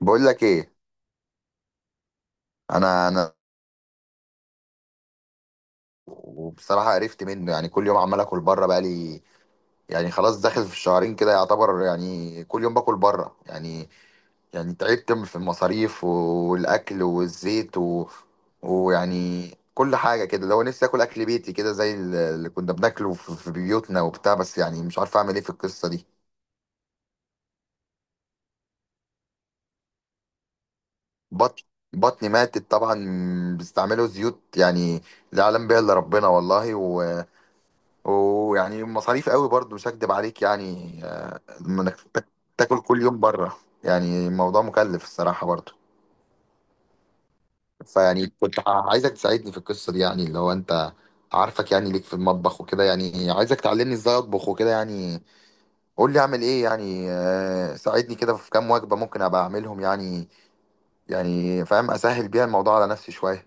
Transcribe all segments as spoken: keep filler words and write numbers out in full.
بقول لك ايه؟ انا انا وبصراحه قرفت منه، يعني كل يوم عمال اكل بره. بقى لي يعني خلاص داخل في الشهرين كده، يعتبر يعني كل يوم باكل بره يعني. يعني تعبت من- في المصاريف والاكل والزيت و... ويعني كل حاجه كده. لو نفسي اكل اكل بيتي كده، زي اللي كنا بناكله في في بيوتنا وبتاع، بس يعني مش عارف اعمل ايه في القصه دي. بطن بطني ماتت طبعا، بيستعملوا زيوت يعني لا يعلم بها الا ربنا والله. ويعني مصاريف قوي برضو، مش هكدب عليك يعني، آه، انك تا- تاكل كل يوم بره، يعني الموضوع مكلف الصراحة برضو. فيعني كنت ع- عايزك تساعدني في القصة دي، يعني اللي هو انت عارفك يعني ليك في المطبخ وكده، يعني عايزك تعلمني ازاي اطبخ وكده يعني. قول لي اعمل ايه يعني، آه، ساعدني كده في كام وجبة ممكن ابقى اعملهم يعني، يعني فاهم اسهل بيها الموضوع على نفسي شوية.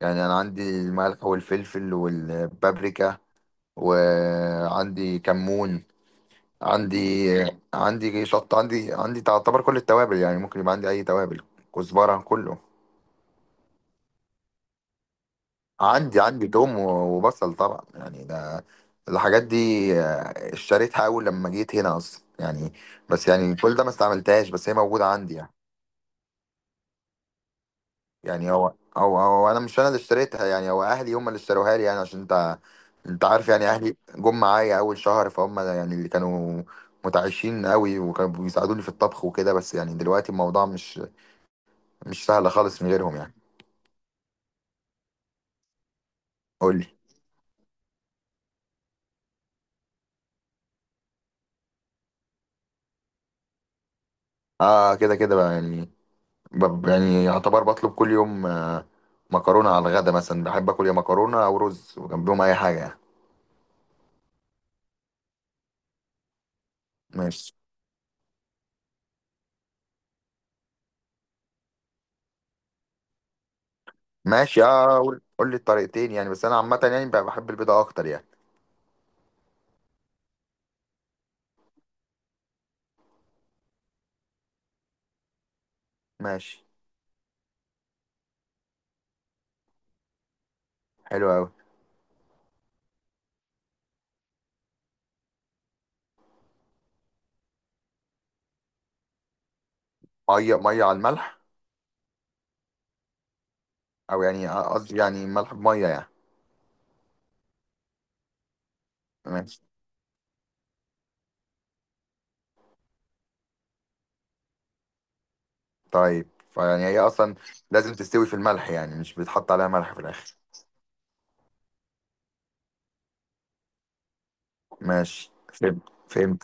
يعني انا عندي الملح والفلفل والبابريكا، وعندي كمون، عندي عندي شط، عندي عندي تعتبر كل التوابل يعني، ممكن يبقى عندي اي توابل، كزبره، كله عندي. عندي توم و- وبصل طبعا، يعني ده الحاجات دي آه، اشتريتها اول لما جيت هنا اصلا يعني، بس يعني كل ده ما استعملتهاش، بس هي موجوده عندي يعني. يعني هو هو هو انا مش انا اللي اشتريتها يعني، هو اهلي هم اللي اشتروها لي يعني، عشان انت انت عارف يعني اهلي جم معايا اول شهر، فهم يعني اللي كانوا متعايشين قوي وكانوا بيساعدوني في الطبخ وكده. بس يعني دلوقتي الموضوع مش مش سهلة خالص من غيرهم يعني. قول لي. اه كده كده بقى يعني، ب- يعني يعتبر بطلب كل يوم، آه، مكرونة على الغدا مثلا. بحب اكل يا مكرونة او رز، وجنبهم اي حاجة يعني. ماشي. ماشي، اه، قول قول لي الطريقتين يعني، بس انا عامة يعني بقى بحب البيضة اكتر يعني. ماشي. حلو قوي. مية مية على الملح، او يعني، آه، قصدي يعني ملح بمية يعني. ماشي. طيب، فيعني هي اصلا لازم تستوي في الملح يعني؟ مش بيتحط عليها ملح في الاخر؟ ماشي فهمت. فهمت.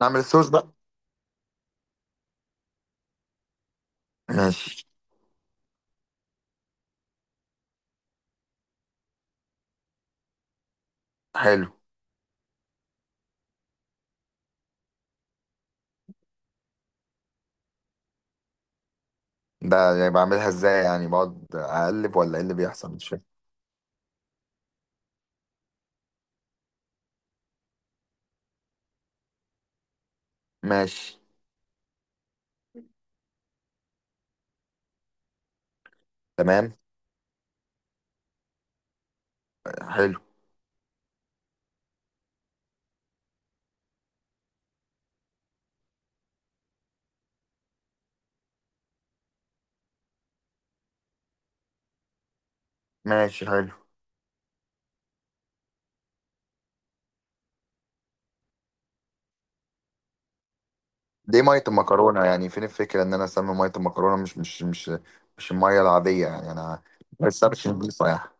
نعمل الصوص بقى. ماشي. حلو. ده يعني بعملها ازاي يعني؟ بقعد اقلب ولا ايه اللي بيحصل؟ مش فاهم. ماشي. تمام. حلو. ماشي. حلو. ليه ميه المكرونه يعني؟ فين الفكره ان انا اسمي ميه المكرونه؟ مش مش مش مش الميه العاديه يعني انا، بس مش نضيفه يعني.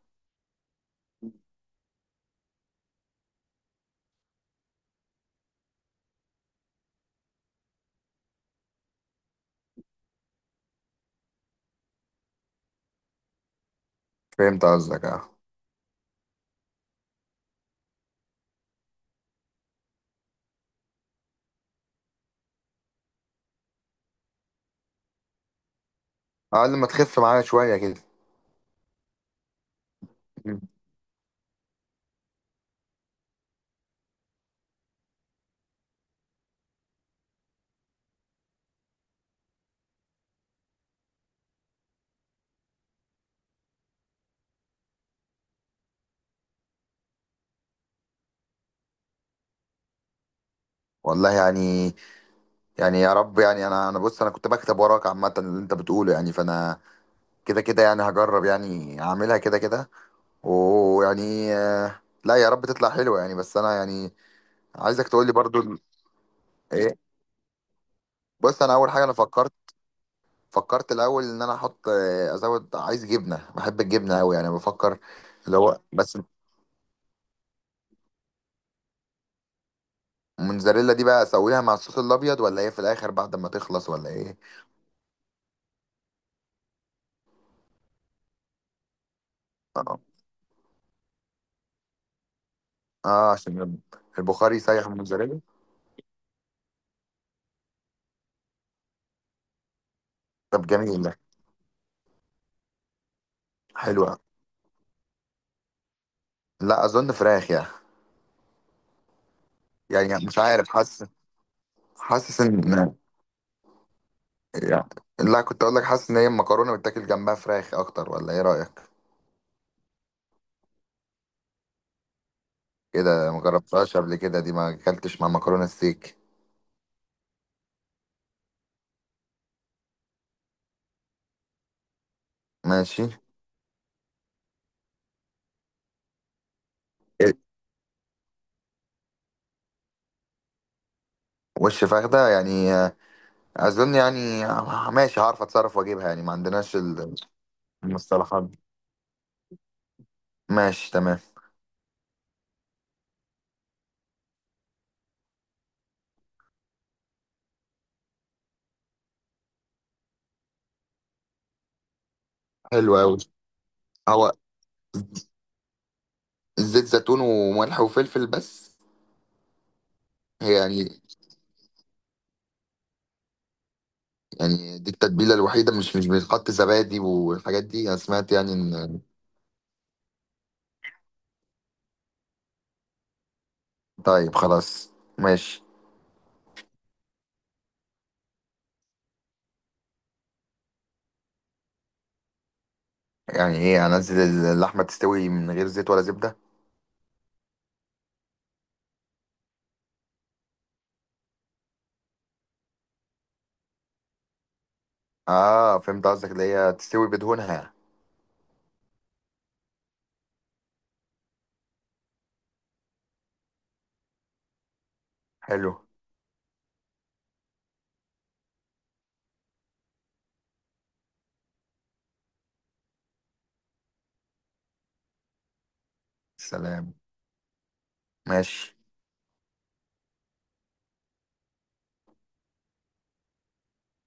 فهمت قصدك، اه. اقل ما تخف معايا شويه كده. مم. والله يعني، يعني يا رب يعني، انا انا بص انا كنت بكتب وراك عامه اللي انت بتقوله يعني، فانا كده كده يعني هجرب يعني اعملها كده كده. ويعني آه، لا يا رب تطلع حلوه يعني، بس انا يعني عايزك تقول لي برضو ال- ايه. بص انا اول حاجه انا فكرت، فكرت الاول ان انا احط، آه، ازود، عايز جبنه، بحب الجبنه قوي يعني بفكر. اللي هو بس الموتزاريلا دي بقى اسويها مع الصوص الابيض، ولا هي في الاخر بعد ما تخلص، ولا ايه؟ اه، آه، عشان البخار يسيح الموتزاريلا. طب جميل ده. حلوة. لا اظن فراخ يعني. يعني مش عارف، حاسس، حاسس ان يعني، لا كنت اقول لك حاسس ان هي المكرونه بتاكل جنبها فراخ اكتر، ولا ايه رايك؟ كده ما جربتهاش قبل كده، دي ما اكلتش مع مكرونه ستيك. ماشي. وش فخدة يعني، آه، أظن يعني، آه، ماشي هعرف أتصرف وأجيبها يعني، ما عندناش ال- المصطلحات دي. ماشي تمام. حلو أوي. هو زيت زيتون وملح وفلفل بس؟ هي يعني، يعني دي التتبيلة الوحيدة؟ مش مش بيتحط زبادي والحاجات دي؟ أنا سمعت يعني إن. طيب خلاص، ماشي. يعني إيه أنزل اللحمة تستوي من غير زيت ولا زبدة؟ آه فهمت قصدك، اللي هي تستوي بدهونها. حلو. سلام. ماشي.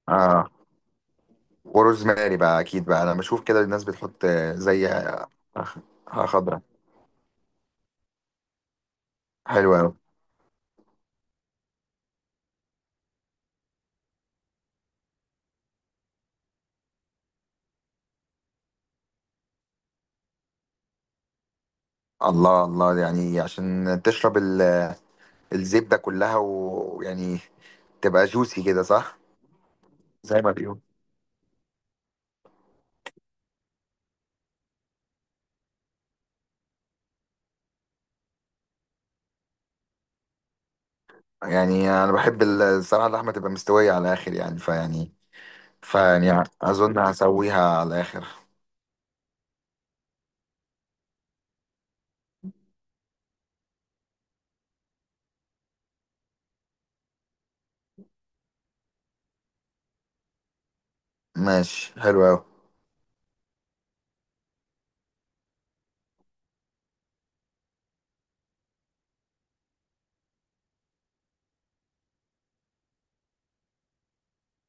آه. وروزماري بقى اكيد بقى، انا بشوف كده الناس بتحط، آه، زي آه، آه، خضرة. حلوة أوي. الله الله، يعني عشان تشرب ال- آه، الزبدة كلها، و- ويعني تبقى جوسي كده، صح؟ زي ما بيقول. يعني انا بحب ال- الصراحة اللحمة تبقى مستوية على الاخر يعني، فيعني، فيعني اظن هسويها على الاخر. ماشي. حلو أوي.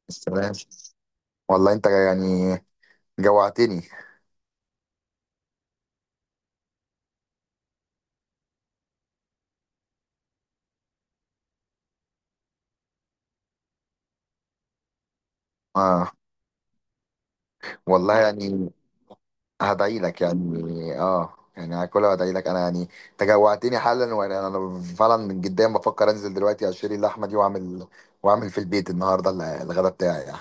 السلام. والله انت يعني جوعتني. اه. والله يعني هدعي لك يعني، اه يعني هاكلها وادعي لك انا يعني. تجوعتني حالا، وانا انا فعلا من جدا بفكر انزل دلوقتي اشتري اللحمه دي، واعمل، واعمل في البيت النهارده ال- الغدا بتاعي يعني.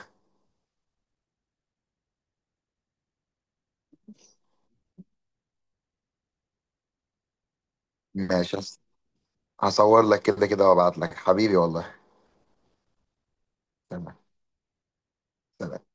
ماشي. هصور لك كده كده وابعت لك، حبيبي والله. تمام. سلام.